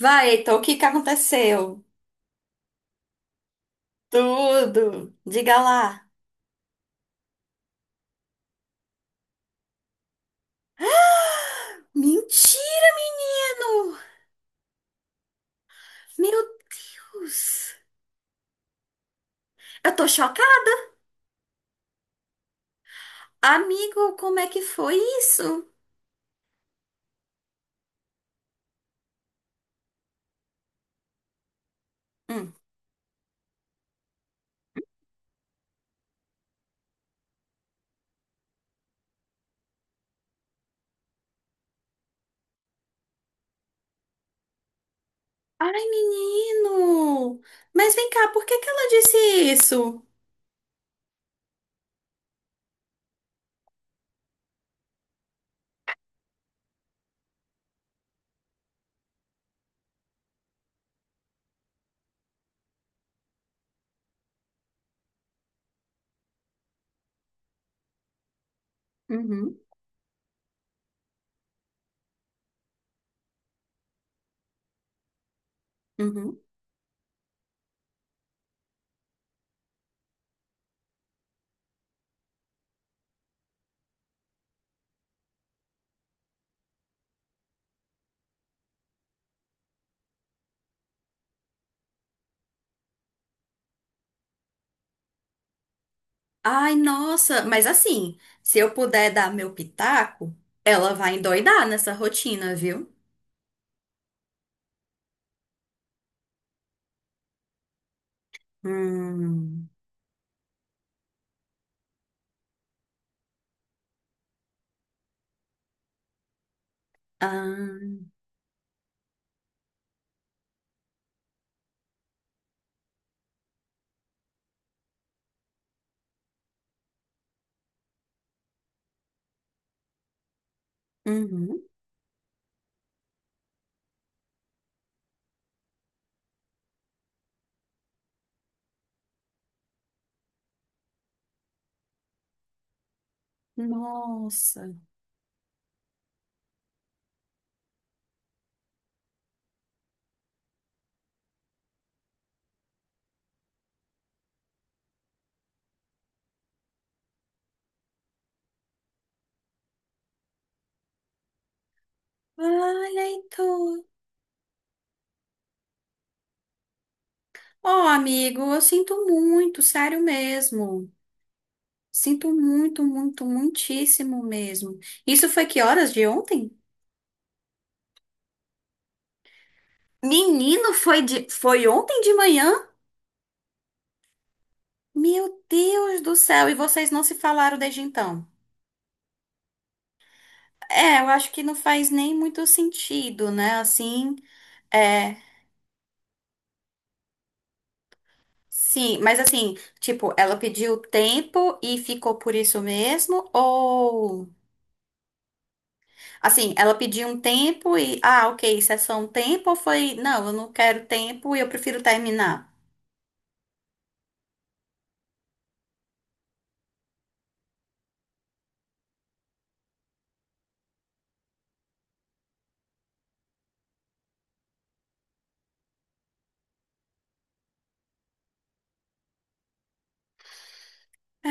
Vai, Heitor, o que que aconteceu? Tudo. Diga lá. Mentira, menino! Meu Deus! Eu tô chocada. Amigo, como é que foi isso? Hum. Ai, menino! Mas vem cá, por que que ela disse isso? Uhum, uhum. Ai, nossa, mas assim, se eu puder dar meu pitaco, ela vai endoidar nessa rotina, viu? Hum. Ah, uhum. Nossa. Olha, então. Ó, amigo, eu sinto muito, sério mesmo. Sinto muito, muito, muitíssimo mesmo. Isso foi que horas de ontem? Menino, foi ontem de manhã? Meu Deus do céu, e vocês não se falaram desde então? É, eu acho que não faz nem muito sentido, né? Assim, é. Sim, mas assim, tipo, ela pediu tempo e ficou por isso mesmo? Ou. Assim, ela pediu um tempo e, ah, ok, isso é só um tempo ou foi, não, eu não quero tempo e eu prefiro terminar. É,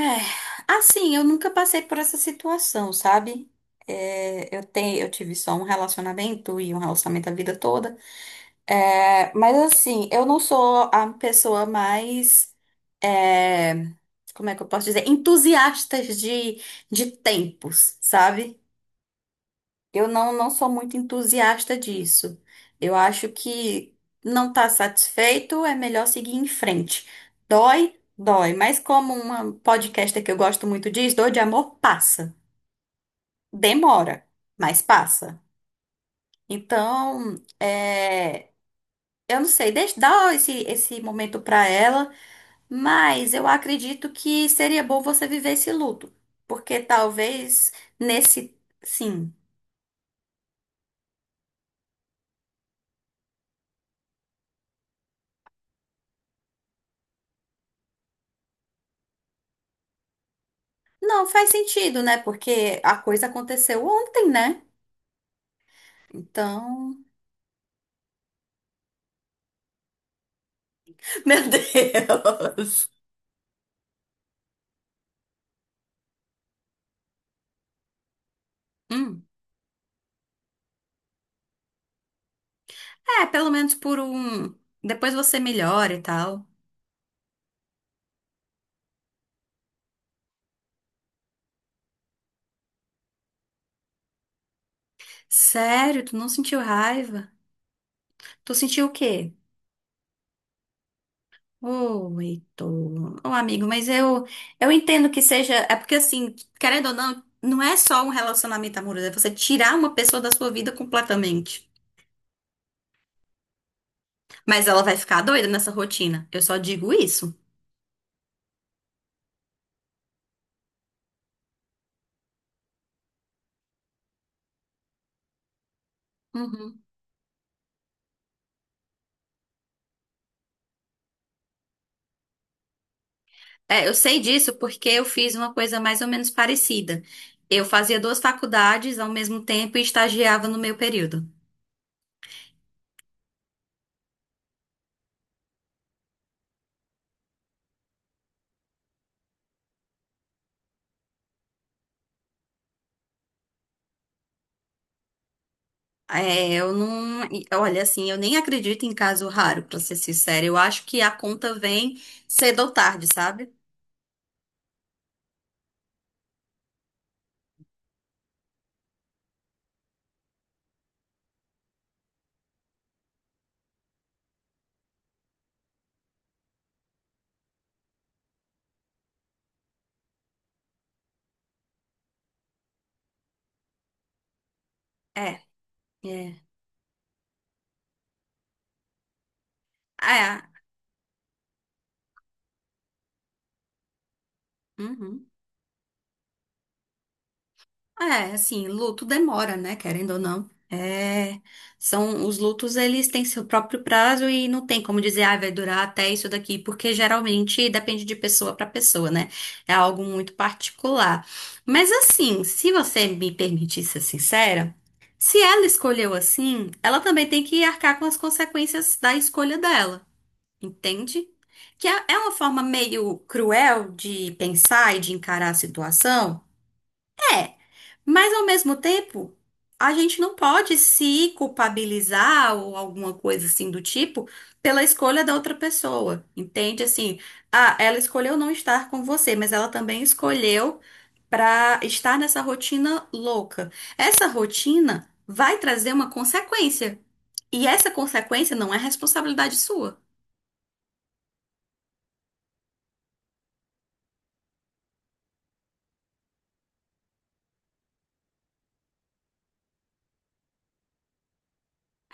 assim, eu nunca passei por essa situação, sabe? É, eu tive só um relacionamento e um relacionamento a vida toda. É, mas assim, eu não sou a pessoa mais, é, como é que eu posso dizer, entusiastas de tempos, sabe? Eu não sou muito entusiasta disso. Eu acho que não está satisfeito, é melhor seguir em frente. Dói, dói. Mas como uma podcaster que eu gosto muito diz, dor de amor passa. Demora, mas passa. Então, é, eu não sei, deixa, dá esse momento para ela, mas eu acredito que seria bom você viver esse luto. Porque talvez nesse, sim. Não faz sentido, né? Porque a coisa aconteceu ontem, né? Então. Meu Deus! Hum. É, pelo menos por um. Depois você melhora e tal. Sério, tu não sentiu raiva? Tu sentiu o quê? Ô, Heitor. Ô, amigo, mas eu entendo que seja. É porque, assim, querendo ou não, não é só um relacionamento amoroso, é você tirar uma pessoa da sua vida completamente. Mas ela vai ficar doida nessa rotina. Eu só digo isso. Uhum. É, eu sei disso porque eu fiz uma coisa mais ou menos parecida. Eu fazia duas faculdades ao mesmo tempo e estagiava no meu período. É, eu não. E, olha, assim, eu nem acredito em caso raro, pra ser sincera. Eu acho que a conta vem cedo ou tarde, sabe? É, é. É. Uhum. É, assim, luto demora, né? Querendo ou não. É, são os lutos, eles têm seu próprio prazo e não tem como dizer, ah, vai durar até isso daqui, porque geralmente depende de pessoa para pessoa, né? É algo muito particular. Mas assim, se você me permitir ser sincera, se ela escolheu assim, ela também tem que arcar com as consequências da escolha dela, entende? Que é uma forma meio cruel de pensar e de encarar a situação. É. Mas ao mesmo tempo, a gente não pode se culpabilizar ou alguma coisa assim do tipo pela escolha da outra pessoa, entende? Assim, ah, ela escolheu não estar com você, mas ela também escolheu para estar nessa rotina louca. Essa rotina vai trazer uma consequência. E essa consequência não é responsabilidade sua.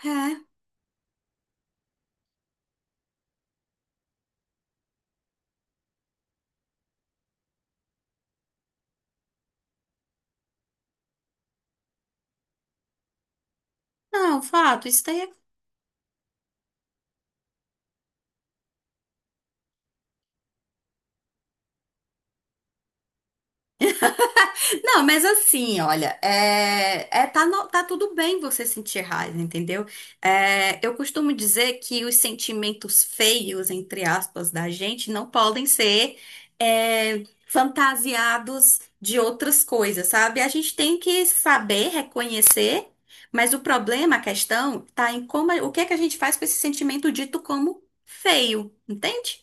É. Não, fato, isso daí é. Não, mas assim, olha, tá, tá tudo bem você sentir raiva, entendeu? É, eu costumo dizer que os sentimentos feios, entre aspas, da gente não podem ser fantasiados de outras coisas, sabe? A gente tem que saber reconhecer, mas o problema, a questão, tá em como, o que é que a gente faz com esse sentimento dito como feio, entende?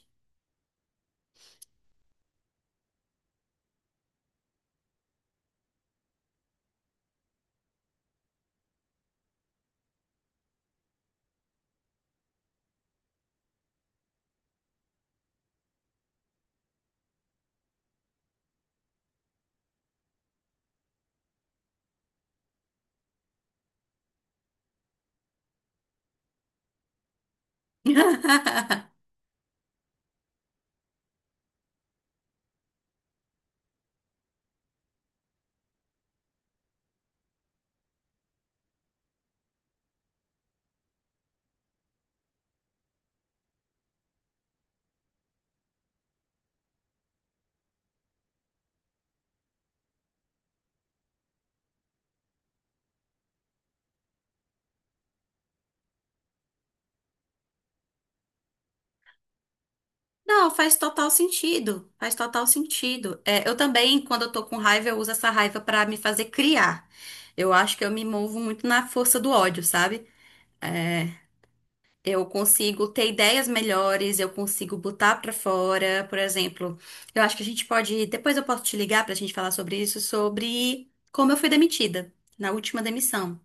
Não, faz total sentido. Faz total sentido. É, eu também, quando eu tô com raiva, eu uso essa raiva pra me fazer criar. Eu acho que eu me movo muito na força do ódio, sabe? É, eu consigo ter ideias melhores, eu consigo botar pra fora, por exemplo. Eu acho que a gente pode, depois eu posso te ligar pra gente falar sobre isso, sobre como eu fui demitida na última demissão.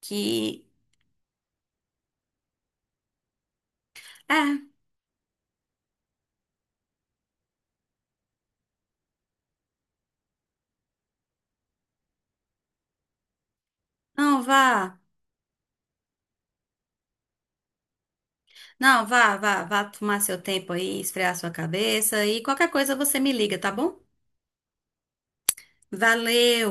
Que, é, não, vá. Não, vá, vá, vá tomar seu tempo aí, esfriar sua cabeça e qualquer coisa você me liga, tá bom? Valeu!